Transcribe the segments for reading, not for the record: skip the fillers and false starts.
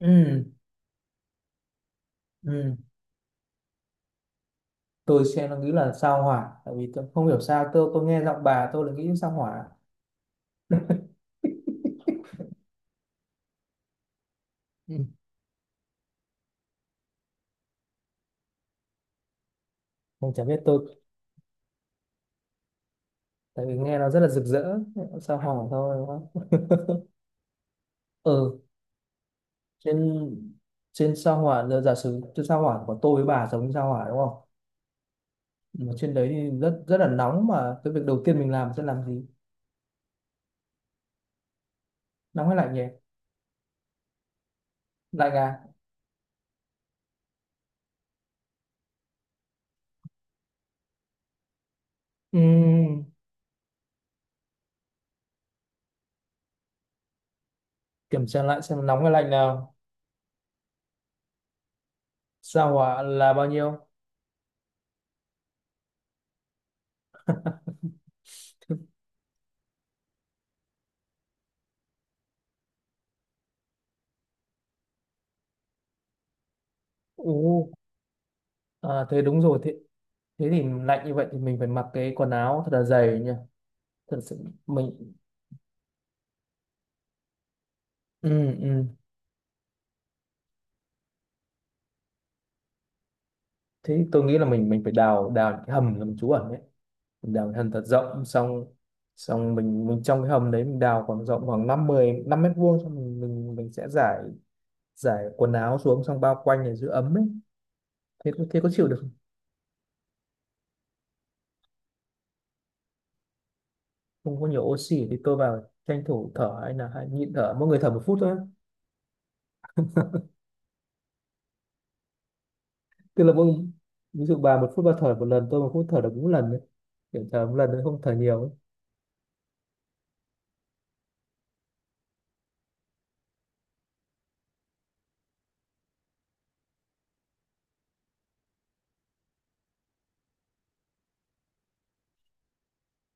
Ừ, ừ. Tôi xem nó nghĩ là sao hỏa, tại vì tôi không hiểu sao tôi nghe giọng bà tôi là nghĩ sao hỏa. ừ. Không, chả biết tôi, tại vì nghe nó rất là rực rỡ. Sao hỏa thôi, đúng không? ừ Trên, trên sao hỏa, là giả sử trên sao hỏa của tôi với bà giống như sao hỏa đúng không, mà trên đấy thì rất rất là nóng, mà cái việc đầu tiên mình làm sẽ làm gì? Nóng hay lạnh nhỉ? Lạnh à. ừ. Kiểm tra lại xem nóng hay lạnh nào. Sao hỏa là bao nhiêu? Ồ, à, thế đúng rồi. Thế Thế thì lạnh như vậy thì mình phải mặc cái quần áo thật là dày nha. Thật sự mình, ừ, ừ. thế thì tôi nghĩ là mình phải đào đào những cái hầm làm trú ẩn đấy. Mình đào cái hầm thật rộng xong, xong mình trong cái hầm đấy mình đào khoảng rộng khoảng năm mười năm mét vuông, xong mình sẽ giải, giải quần áo xuống xong bao quanh để giữ ấm ấy. Thế có chịu được không? Không có nhiều oxy thì tôi vào tranh thủ thở, hay là hay nhịn thở, mỗi người thở một phút thôi. Tức là mỗi, ví dụ bà một phút bà thở một lần, tôi một phút thở được bốn lần đấy, kiểu thở một lần đấy, không thở nhiều ấy.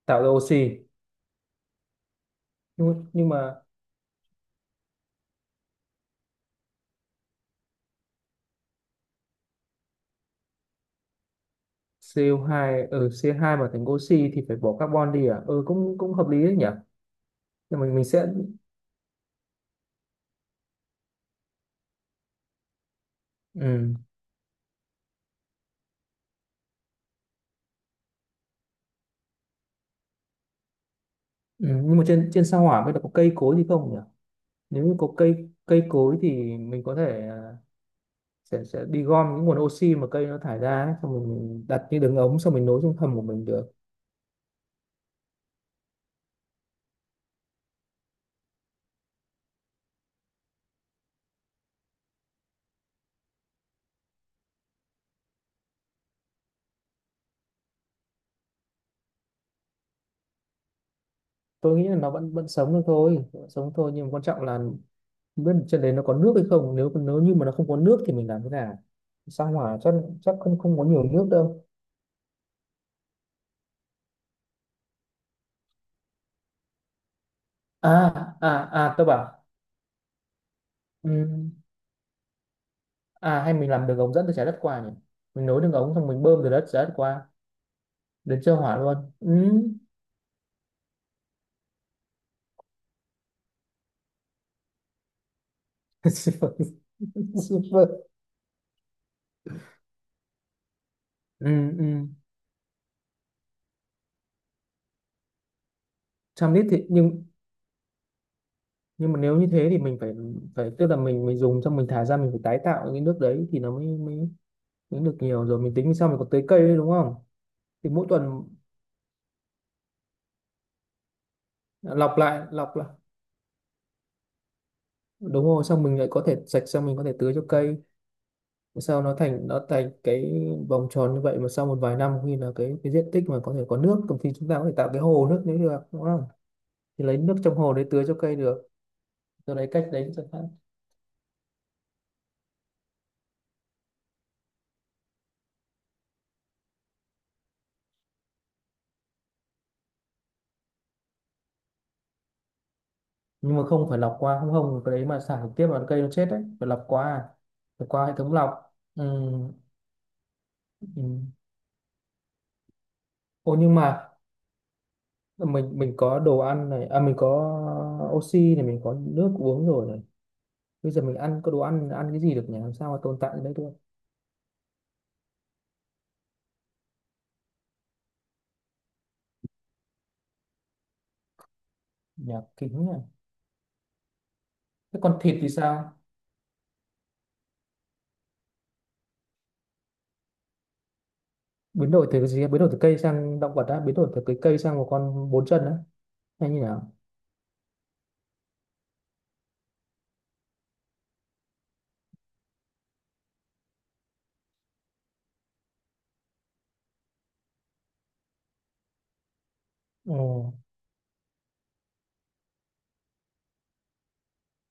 Tạo ra oxy. Nhưng mà co hai ở co hai mà thành oxy thì phải bỏ carbon đi à, ừ cũng cũng hợp lý đấy nhỉ. Nhưng mà mình sẽ, ừ, ừ. nhưng mà trên, trên sao hỏa bây giờ có cây cối gì không nhỉ? Nếu như có cây cây cối thì mình có thể sẽ đi gom những nguồn oxy mà cây nó thải ra ấy, xong rồi mình đặt như đường ống xong mình nối trong hầm của mình được. Tôi nghĩ là nó vẫn vẫn sống được thôi, vẫn sống thôi, nhưng mà quan trọng là không biết trên đấy nó có nước hay không. Nếu, nếu như mà nó không có nước thì mình làm thế nào? Sao hỏa chắc, chắc không, không có nhiều nước đâu. À, à, à, tôi bảo ừm, à hay mình làm đường ống dẫn từ trái đất qua nhỉ? Mình nối đường ống xong mình bơm từ đất trái đất qua, đến chơi hỏa luôn. Ừm. Super, super. Ừm, ừm. Trăm lít thì nhưng mà nếu như thế thì mình phải, phải tức là mình dùng xong mình thải ra, mình phải tái tạo cái nước đấy thì nó mới, mới, mới được nhiều. Rồi mình tính sao mình còn tưới cây nữa đúng không? Thì mỗi tuần lọc lại, lọc lại. Đúng rồi, xong mình lại có thể sạch, xong mình có thể tưới cho cây. Sau nó thành, nó thành cái vòng tròn như vậy, mà sau một vài năm khi là cái diện tích mà có thể có nước thì chúng ta có thể tạo cái hồ nước nếu được đúng không? Thì lấy nước trong hồ đấy tưới cho cây được. Tôi lấy cách đấy chẳng hạn. Nhưng mà không phải lọc qua không, không cái đấy mà xả trực tiếp vào cây nó chết đấy, phải lọc qua à? Phải qua hệ thống lọc. Ừ, ừ. Ô nhưng mà mình có đồ ăn này, à mình có oxy này, mình có nước uống rồi này, bây giờ mình ăn có đồ ăn ăn cái gì được nhỉ, làm sao mà tồn tại ở đây được? Nhà kính à. Thế con thịt thì sao? Biến đổi từ cái gì? Biến đổi từ cây sang động vật á? Biến đổi từ cái cây sang một con bốn chân á? Hay như nào?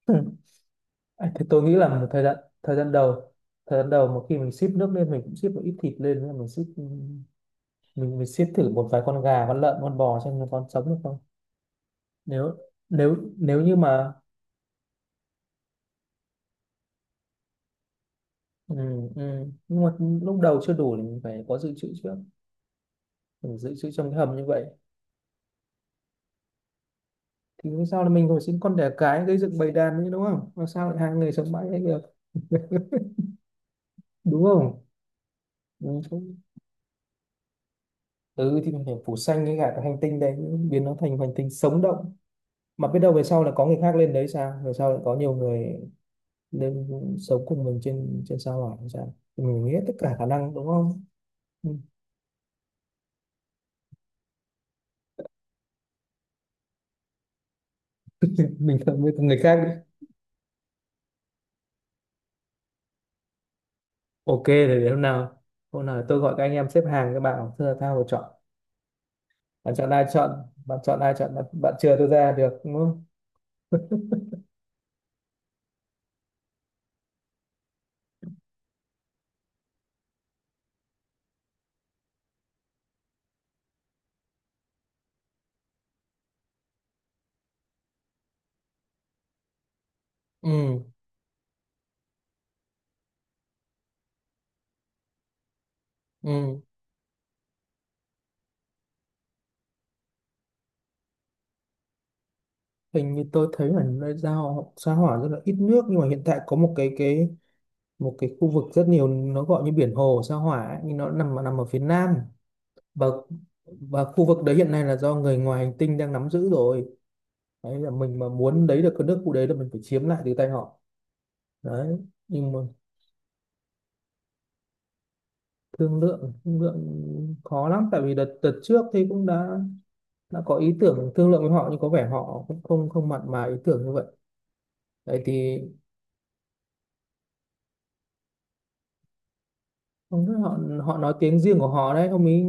Ừ. À, thì tôi nghĩ là một thời gian, thời gian đầu, thời gian đầu một khi mình ship nước lên, mình cũng ship một ít thịt lên, là mình ship mình ship thử một vài con gà, con lợn, con bò xem nó còn sống được không. Nếu, nếu như mà, ừ, nhưng mà lúc đầu chưa đủ thì mình phải có dự trữ trước. Mình dự trữ trong cái hầm như vậy, thì vì sao là mình hồi sinh con đẻ cái, gây dựng bầy đàn như đúng không, mà sao lại hai người sống mãi ấy được, đúng không? Không. Ừ thì mình phải phủ xanh cái cả cái hành tinh đấy, biến nó thành một hành tinh sống động. Mà biết đâu về sau là có người khác lên đấy sao, về sau lại có nhiều người lên sống cùng mình trên, trên sao hỏa hay sao, mình nghĩ hết tất cả khả năng đúng không? Ừ. Mình cần với người khác đi. Ok thì để hôm nào, hôm nào tôi gọi các anh em xếp hàng, các bạn bảo, thưa là tao phải chọn. Bạn chọn ai chọn, bạn chọn ai chọn bạn, bạn chừa tôi ra được đúng không? ừ ừ Hình như tôi thấy là nơi giao sao hỏa rất là ít nước, nhưng mà hiện tại có một cái, một cái khu vực rất nhiều, nó gọi như biển hồ sao hỏa ấy, nhưng nó nằm nằm ở phía nam. và và khu vực đấy hiện nay là do người ngoài hành tinh đang nắm giữ rồi. Đấy, là mình mà muốn lấy được cái nước khu đấy là mình phải chiếm lại từ tay họ. Đấy, nhưng mà thương lượng, thương lượng khó lắm, tại vì đợt, đợt trước thì cũng đã có ý tưởng thương lượng với họ, nhưng có vẻ họ cũng không, không mặn mà ý tưởng như vậy. Đấy thì không biết họ, họ nói tiếng riêng của họ đấy ông ấy.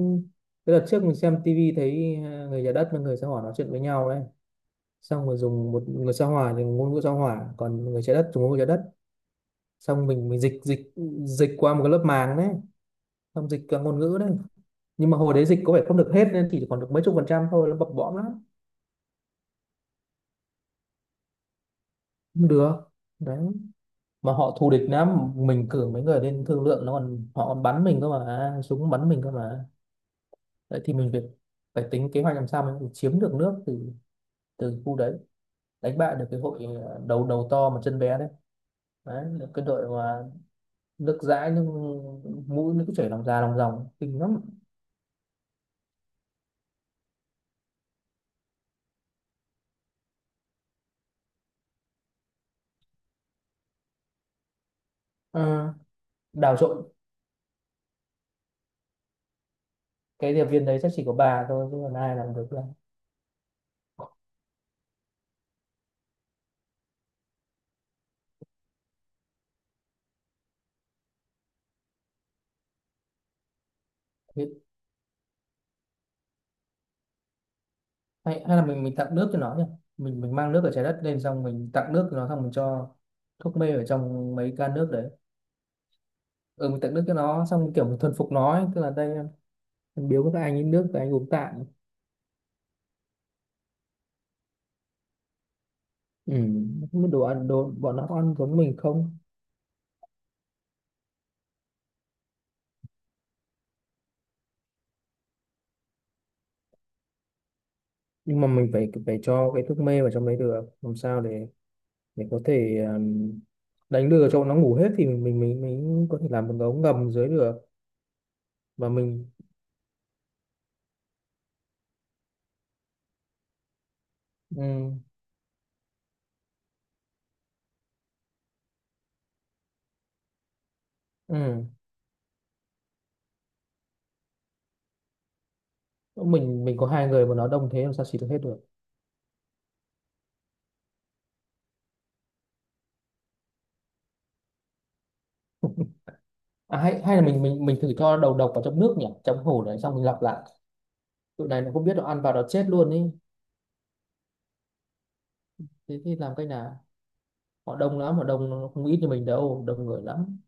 Cái đợt trước mình xem tivi thấy người nhà đất với người sao hỏa nói chuyện với nhau đấy, xong rồi dùng một người sao hỏa thì ngôn ngữ sao hỏa, còn người trái đất dùng ngôn ngữ trái đất, xong mình dịch, dịch qua một cái lớp màng đấy, xong dịch cả ngôn ngữ đấy, nhưng mà hồi đấy dịch có vẻ không được hết, nên chỉ còn được mấy chục phần trăm thôi, nó bập bõm lắm. Không được. Đấy, mà họ thù địch lắm, mình cử mấy người lên thương lượng nó còn, họ còn bắn mình cơ mà, súng bắn mình cơ mà. Đấy thì mình phải, phải tính kế hoạch làm sao mình chiếm được nước từ, từ khu đấy, đánh bại được cái hội đầu, đầu to mà chân bé đấy. Đấy, cái đội mà nước dãi, nước mũi nước chảy lòng già lòng dòng kinh lắm. Ờ, đào trộn. Cái điệp viên đấy chắc chỉ có bà thôi chứ còn ai làm được đâu. Hay, hay là mình tặng nước cho nó nhỉ? Mình mang nước ở trái đất lên xong mình tặng nước cho nó, xong mình cho thuốc mê ở trong mấy can nước đấy. Ừ, mình tặng nước cho nó, xong kiểu mình thuần phục nó ấy. Tức là đây, em biếu các anh ấy nước, các anh uống tạng. Ừ, không biết đồ ăn đồ bọn nó ăn giống mình không. Nhưng mà mình phải, phải cho cái thuốc mê vào trong đấy được, làm sao để có thể đánh lừa cho nó ngủ hết, thì mình có thể làm một cái ống ngầm dưới được. Và mình, ừ, ừ. mình có hai người mà nó đông thế làm sao xịt được hết được? À, hay hay là mình thử cho đầu độc vào trong nước nhỉ, trong hồ đấy xong mình lọc lại. Tụi này nó không biết nó ăn vào nó chết luôn ý. Thế thì làm cách nào? Họ đông lắm, họ đông nó không ít như mình đâu, đông người lắm.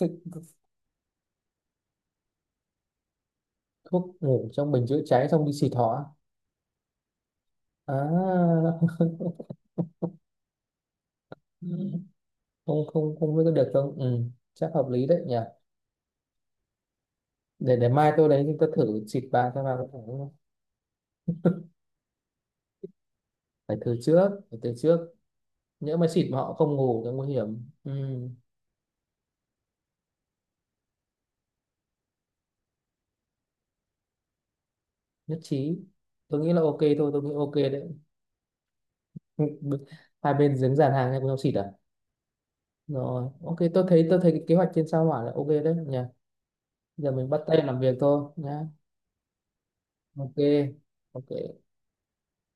Thế thuốc ngủ trong bình chữa cháy xong đi xịt họ á? À, không không, không biết có được không, ừ, chắc hợp lý đấy nhỉ. Để mai tôi đấy tôi thử xịt vào xem vào. Phải thử trước, phải thử trước, nhỡ mà xịt mà họ không ngủ thì nguy hiểm. Ừ, nhất trí. Tôi nghĩ là ok thôi, tôi nghĩ ok đấy. Hai bên dính dàn hàng nhau cùng xịt à? Rồi, ok, tôi thấy cái kế hoạch trên sao hỏa là ok đấy nhỉ. Giờ mình bắt tay làm việc thôi nhá. Ok. Ok.